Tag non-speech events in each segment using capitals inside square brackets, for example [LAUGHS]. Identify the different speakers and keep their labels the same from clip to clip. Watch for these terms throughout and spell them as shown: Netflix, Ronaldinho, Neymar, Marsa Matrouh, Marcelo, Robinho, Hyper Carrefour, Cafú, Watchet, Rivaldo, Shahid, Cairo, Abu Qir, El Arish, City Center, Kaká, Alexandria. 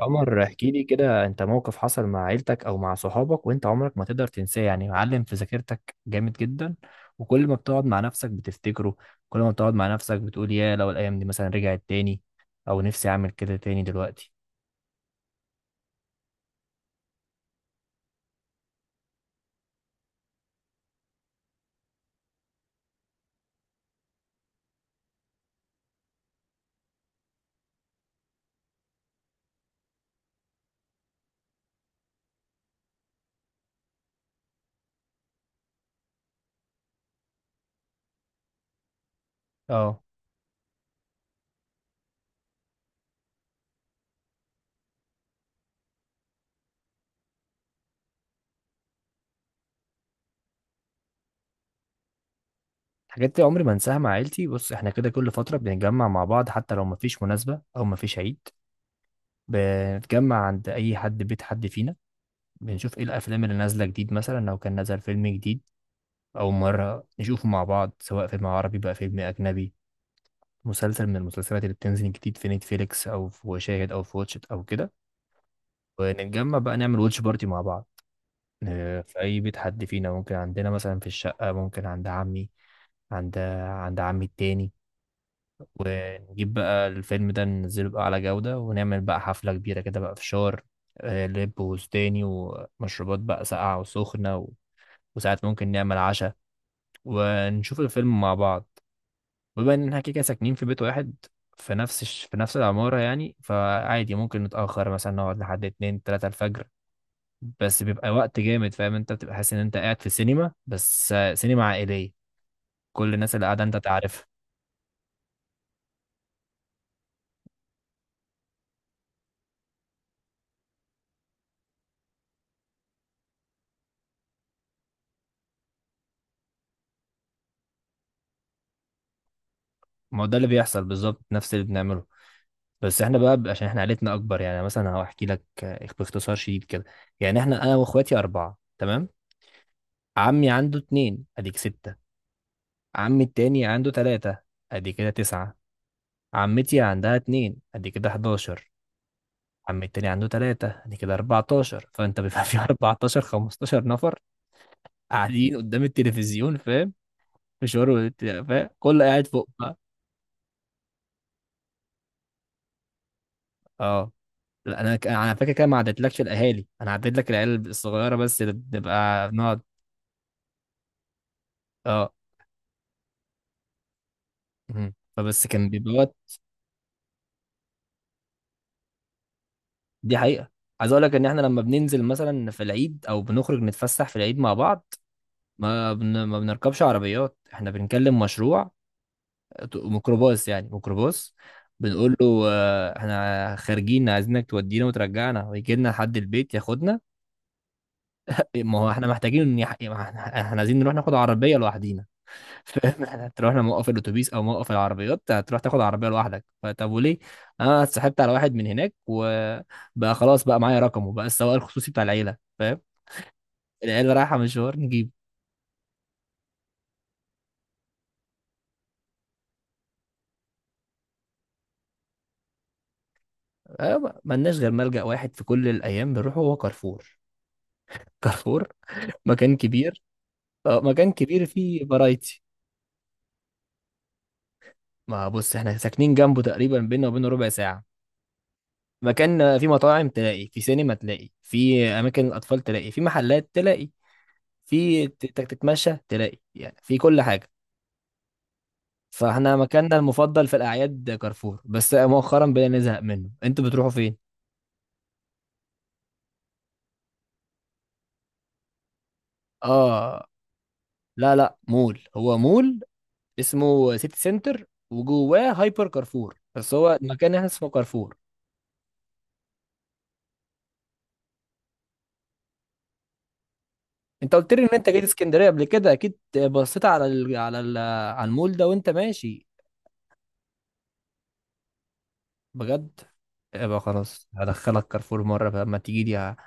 Speaker 1: عمر، احكي لي كده. انت موقف حصل مع عيلتك او مع صحابك وانت عمرك ما تقدر تنساه، يعني معلم في ذاكرتك جامد جدا، وكل ما بتقعد مع نفسك بتفتكره. كل ما بتقعد مع نفسك بتقول يا لو الايام دي مثلا رجعت تاني، او نفسي اعمل كده تاني دلوقتي. اه، الحاجات دي عمري ما انساها مع عيلتي. بص، احنا كده كل فترة بنتجمع مع بعض حتى لو مفيش مناسبة او مفيش عيد. بنتجمع عند اي حد، بيت حد فينا. بنشوف ايه الافلام اللي نازلة جديد، مثلا لو كان نزل فيلم جديد أول مرة نشوفه مع بعض، سواء فيلم عربي بقى فيلم أجنبي، مسلسل من المسلسلات اللي بتنزل جديد في نتفليكس أو في وشاهد أو في واتشت أو كده. ونتجمع بقى نعمل واتش بارتي مع بعض، في أي بيت حد فينا، ممكن عندنا مثلا في الشقة، ممكن عند عمي، عند عند عمي التاني. ونجيب بقى الفيلم ده، ننزله بقى على جودة، ونعمل بقى حفلة كبيرة كده بقى، فشار لب وستاني ومشروبات بقى ساقعة وسخنة وساعات ممكن نعمل عشاء ونشوف الفيلم مع بعض. وبما ان احنا كده كده ساكنين في بيت واحد، في في نفس العمارة يعني، فعادي ممكن نتأخر مثلا نقعد لحد اتنين تلاتة الفجر. بس بيبقى وقت جامد، فاهم؟ انت بتبقى حاسس ان انت قاعد في سينما، بس سينما عائلية، كل الناس اللي قاعدة انت تعرفها. ما هو ده اللي بيحصل بالظبط، نفس اللي بنعمله. بس احنا بقى عشان احنا عائلتنا اكبر. يعني مثلا هحكي لك باختصار شديد كده. يعني احنا، انا واخواتي اربعة، تمام. عمي عنده اتنين، اديك ستة. عمي التاني عنده تلاتة، ادي كده تسعة. عمتي عندها اتنين، ادي كده 11. عم التاني عنده تلاتة، يعني كده 14. فانت بيبقى في 14 15 نفر قاعدين قدام التلفزيون، فاهم؟ مشوار فاهم كله قاعد فوق بقى. اه، لا انا انا فاكر كده ما عدتلكش الاهالي، انا عديت لك العيال الصغيره بس اللي بنبقى بنقعد. اه، مهم. فبس كان بيبقى وقت. دي حقيقه. عايز اقول لك ان احنا لما بننزل مثلا في العيد او بنخرج نتفسح في العيد مع بعض، ما بنركبش عربيات، احنا بنكلم مشروع ميكروباص، يعني ميكروباص. بنقول له احنا خارجين عايزينك تودينا وترجعنا ويجي لنا لحد البيت ياخدنا. ما هو احنا محتاجين إن ما احنا إحنا عايزين نروح ناخد عربيه لوحدينا. [LAUGHS] فاهم؟ احنا تروح موقف الاتوبيس او موقف العربيات، هتروح تاخد عربيه لوحدك؟ فطب وليه؟ انا اتسحبت على واحد من هناك، وبقى خلاص بقى معايا رقمه بقى، السواق الخصوصي بتاع العيله، فاهم؟ العيله رايحه مشوار، نجيب. ملناش غير ملجأ واحد في كل الايام بنروحه، هو كارفور. [LAUGHS] كارفور، مكان كبير. مكان كبير فيه فرايتي. ما بص، احنا ساكنين جنبه تقريبا، بينا وبينه ربع ساعة. مكان فيه مطاعم تلاقي، في سينما تلاقي، في أماكن الأطفال تلاقي، في محلات تلاقي، في تتمشى تلاقي، يعني في كل حاجة. فاحنا مكاننا المفضل في الأعياد كارفور، بس مؤخرا بدأنا نزهق منه. انتوا بتروحوا فين؟ اه، لا لا، مول، هو مول. اسمه سيتي سنتر وجواه هايبر كارفور، بس هو المكان هنا اسمه كارفور. انت قلت لي ان انت جيت اسكندريه قبل كده، اكيد بصيت على المول ده وانت ماشي. بجد؟ يبقى خلاص هدخلك كارفور مره بقى اما تيجي لي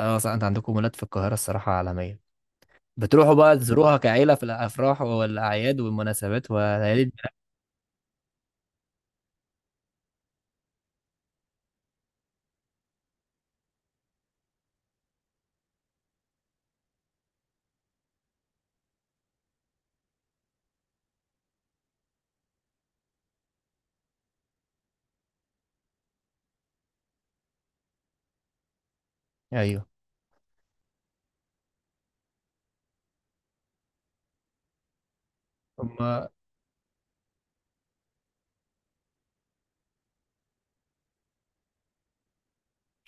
Speaker 1: اه. صح انت عندكم مولات في القاهره، الصراحه عالميه. بتروحوا بقى تزوروها كعيله في الافراح والاعياد والمناسبات وليالي ايوه أما-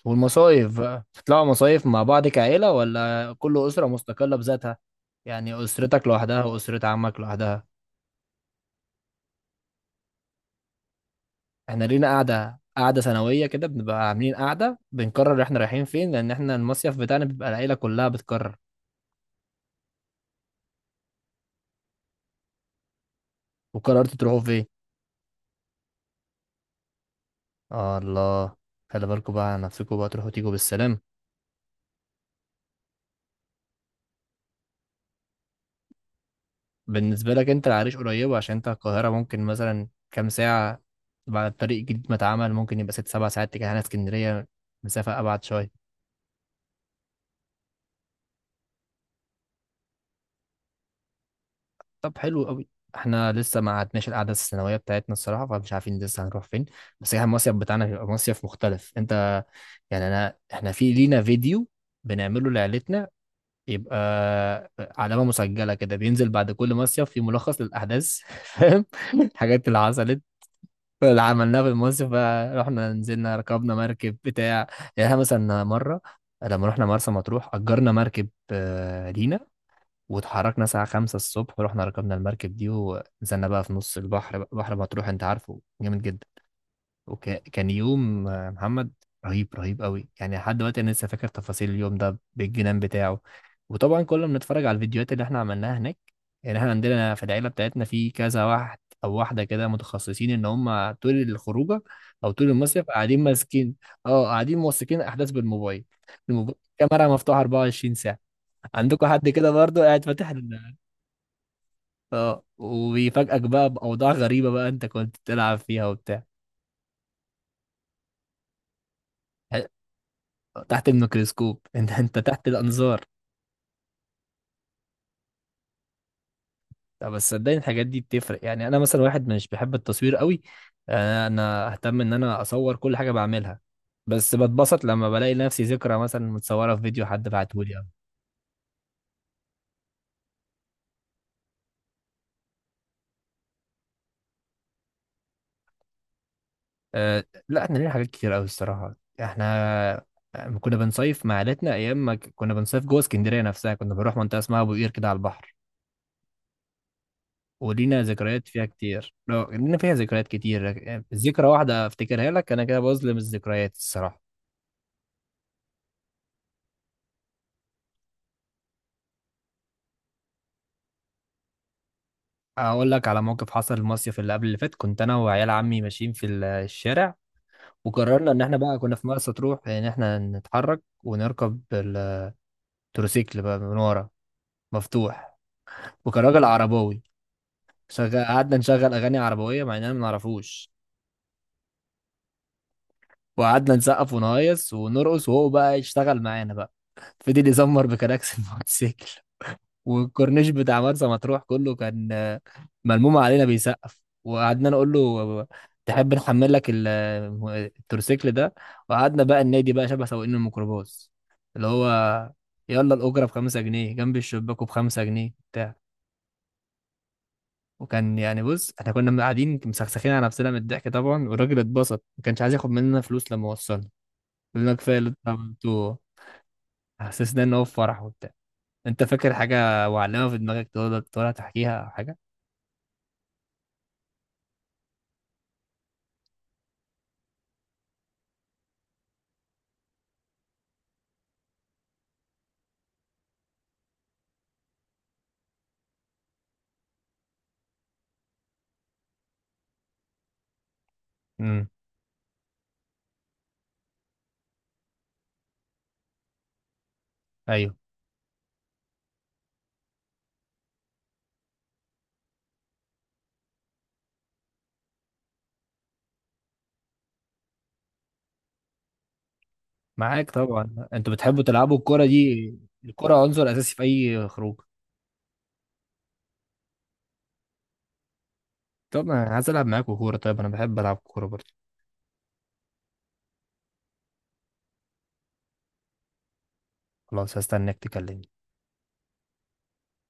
Speaker 1: والمصايف بقى، بتطلعوا مصايف مع بعض كعيله ولا كل اسره مستقله بذاتها؟ يعني اسرتك لوحدها واسره عمك لوحدها؟ احنا لينا قاعدة سنوية كده، بنبقى عاملين قاعدة بنقرر احنا رايحين فين، لأن احنا المصيف بتاعنا بيبقى العيلة كلها بتقرر. وقررتوا تروحوا فين؟ آه الله، خلي بالكوا بقى على نفسكوا بقى، تروحوا تيجوا بالسلام. بالنسبة لك انت، العريش قريبة عشان انت القاهرة، ممكن مثلا كام ساعة. بعد الطريق الجديد ما اتعمل، ممكن يبقى ست سبع ساعات. تجاه هنا اسكندرية، مسافة أبعد شوية. طب حلو قوي. احنا لسه ما عدناش القعده السنويه بتاعتنا الصراحه، فمش عارفين لسه هنروح فين. بس احنا المصيف بتاعنا هيبقى مصيف مختلف، انت يعني. انا احنا في لينا فيديو بنعمله لعيلتنا، يبقى علامه مسجله كده، بينزل بعد كل مصيف في ملخص للاحداث. [LAUGHS] فاهم؟ الحاجات اللي حصلت اللي عملناها في المصيف بقى، رحنا نزلنا ركبنا مركب بتاع. يعني احنا مثلا مره لما رحنا مرسى مطروح، اجرنا مركب لينا، واتحركنا الساعة خمسة الصبح، ورحنا ركبنا المركب دي، ونزلنا بقى في نص البحر بحر مطروح انت عارفه جامد جدا. وكان يوم محمد، رهيب رهيب قوي. يعني لحد دلوقتي انا لسه فاكر تفاصيل اليوم ده بالجنان بتاعه. وطبعا كنا بنتفرج على الفيديوهات اللي احنا عملناها هناك. يعني احنا عندنا في العيلة بتاعتنا في كذا واحد او واحدة كده متخصصين ان هم طول الخروجة او طول المصيف قاعدين ماسكين. اه، قاعدين موثقين احداث بالموبايل، الموبايل، الكاميرا مفتوحة 24 ساعة. عندكم حد كده برضه قاعد فاتح؟ اه، وبيفاجئك بقى باوضاع غريبه بقى انت كنت بتلعب فيها وبتاع. تحت الميكروسكوب. [LAUGHS] انت تحت الانظار. لا، بس صدقني الحاجات دي بتفرق. يعني انا مثلا واحد مش بحب التصوير قوي، انا اهتم ان انا اصور كل حاجه بعملها، بس بتبسط لما بلاقي نفسي ذكرى مثلا متصوره في فيديو حد بعتهولي أو. أه لا، احنا لينا حاجات كتير قوي الصراحه. احنا لما كنا بنصيف مع عيلتنا، ايام ما كنا بنصيف جوه اسكندريه نفسها، كنا بنروح منطقه اسمها ابو قير كده على البحر. ولينا ذكريات فيها كتير. لو لينا فيها ذكريات كتير يعني، ذكرى واحدة افتكرها لك انا كده بظلم الذكريات الصراحة. اقول لك على موقف حصل المصيف اللي قبل اللي فات. كنت انا وعيال عمي ماشيين في الشارع، وقررنا ان احنا بقى كنا في مرسى تروح ان احنا نتحرك ونركب التروسيكل بقى من ورا مفتوح. وكان راجل عرباوي شغال، قعدنا نشغل اغاني عربوية مع اننا ما نعرفوش، وقعدنا نسقف ونهيص ونرقص وهو بقى يشتغل معانا بقى، فضل يزمر بكراكس [LAUGHS] الموتوسيكل. والكورنيش بتاع مرسى مطروح كله كان ملموم علينا بيسقف، وقعدنا نقول له تحب نحمل لك التورسيكل ده. وقعدنا بقى النادي بقى شبه سواقين الميكروباص، اللي هو يلا الأجرة بخمسة جنيه جنب الشباك وبخمسة جنيه بتاع. وكان يعني، بص احنا كنا قاعدين مسخسخين على نفسنا من الضحك طبعا. والراجل اتبسط، ما كانش عايز ياخد مننا فلوس، لما وصلنا قلنا كفايه اللي انتوا عملتوه. حسسنا ان هو في فرح وبتاع. انت فاكر حاجه وعلمها في دماغك تقدر تحكيها او حاجه؟ امم، ايوه معاك طبعا، انتوا بتحبوا تلعبوا الكرة دي. الكرة عنصر اساسي في اي خروج. طب انا عايز العب معاكوا كورة، طيب انا بحب العب كورة برضه. خلاص هستناك تكلمني.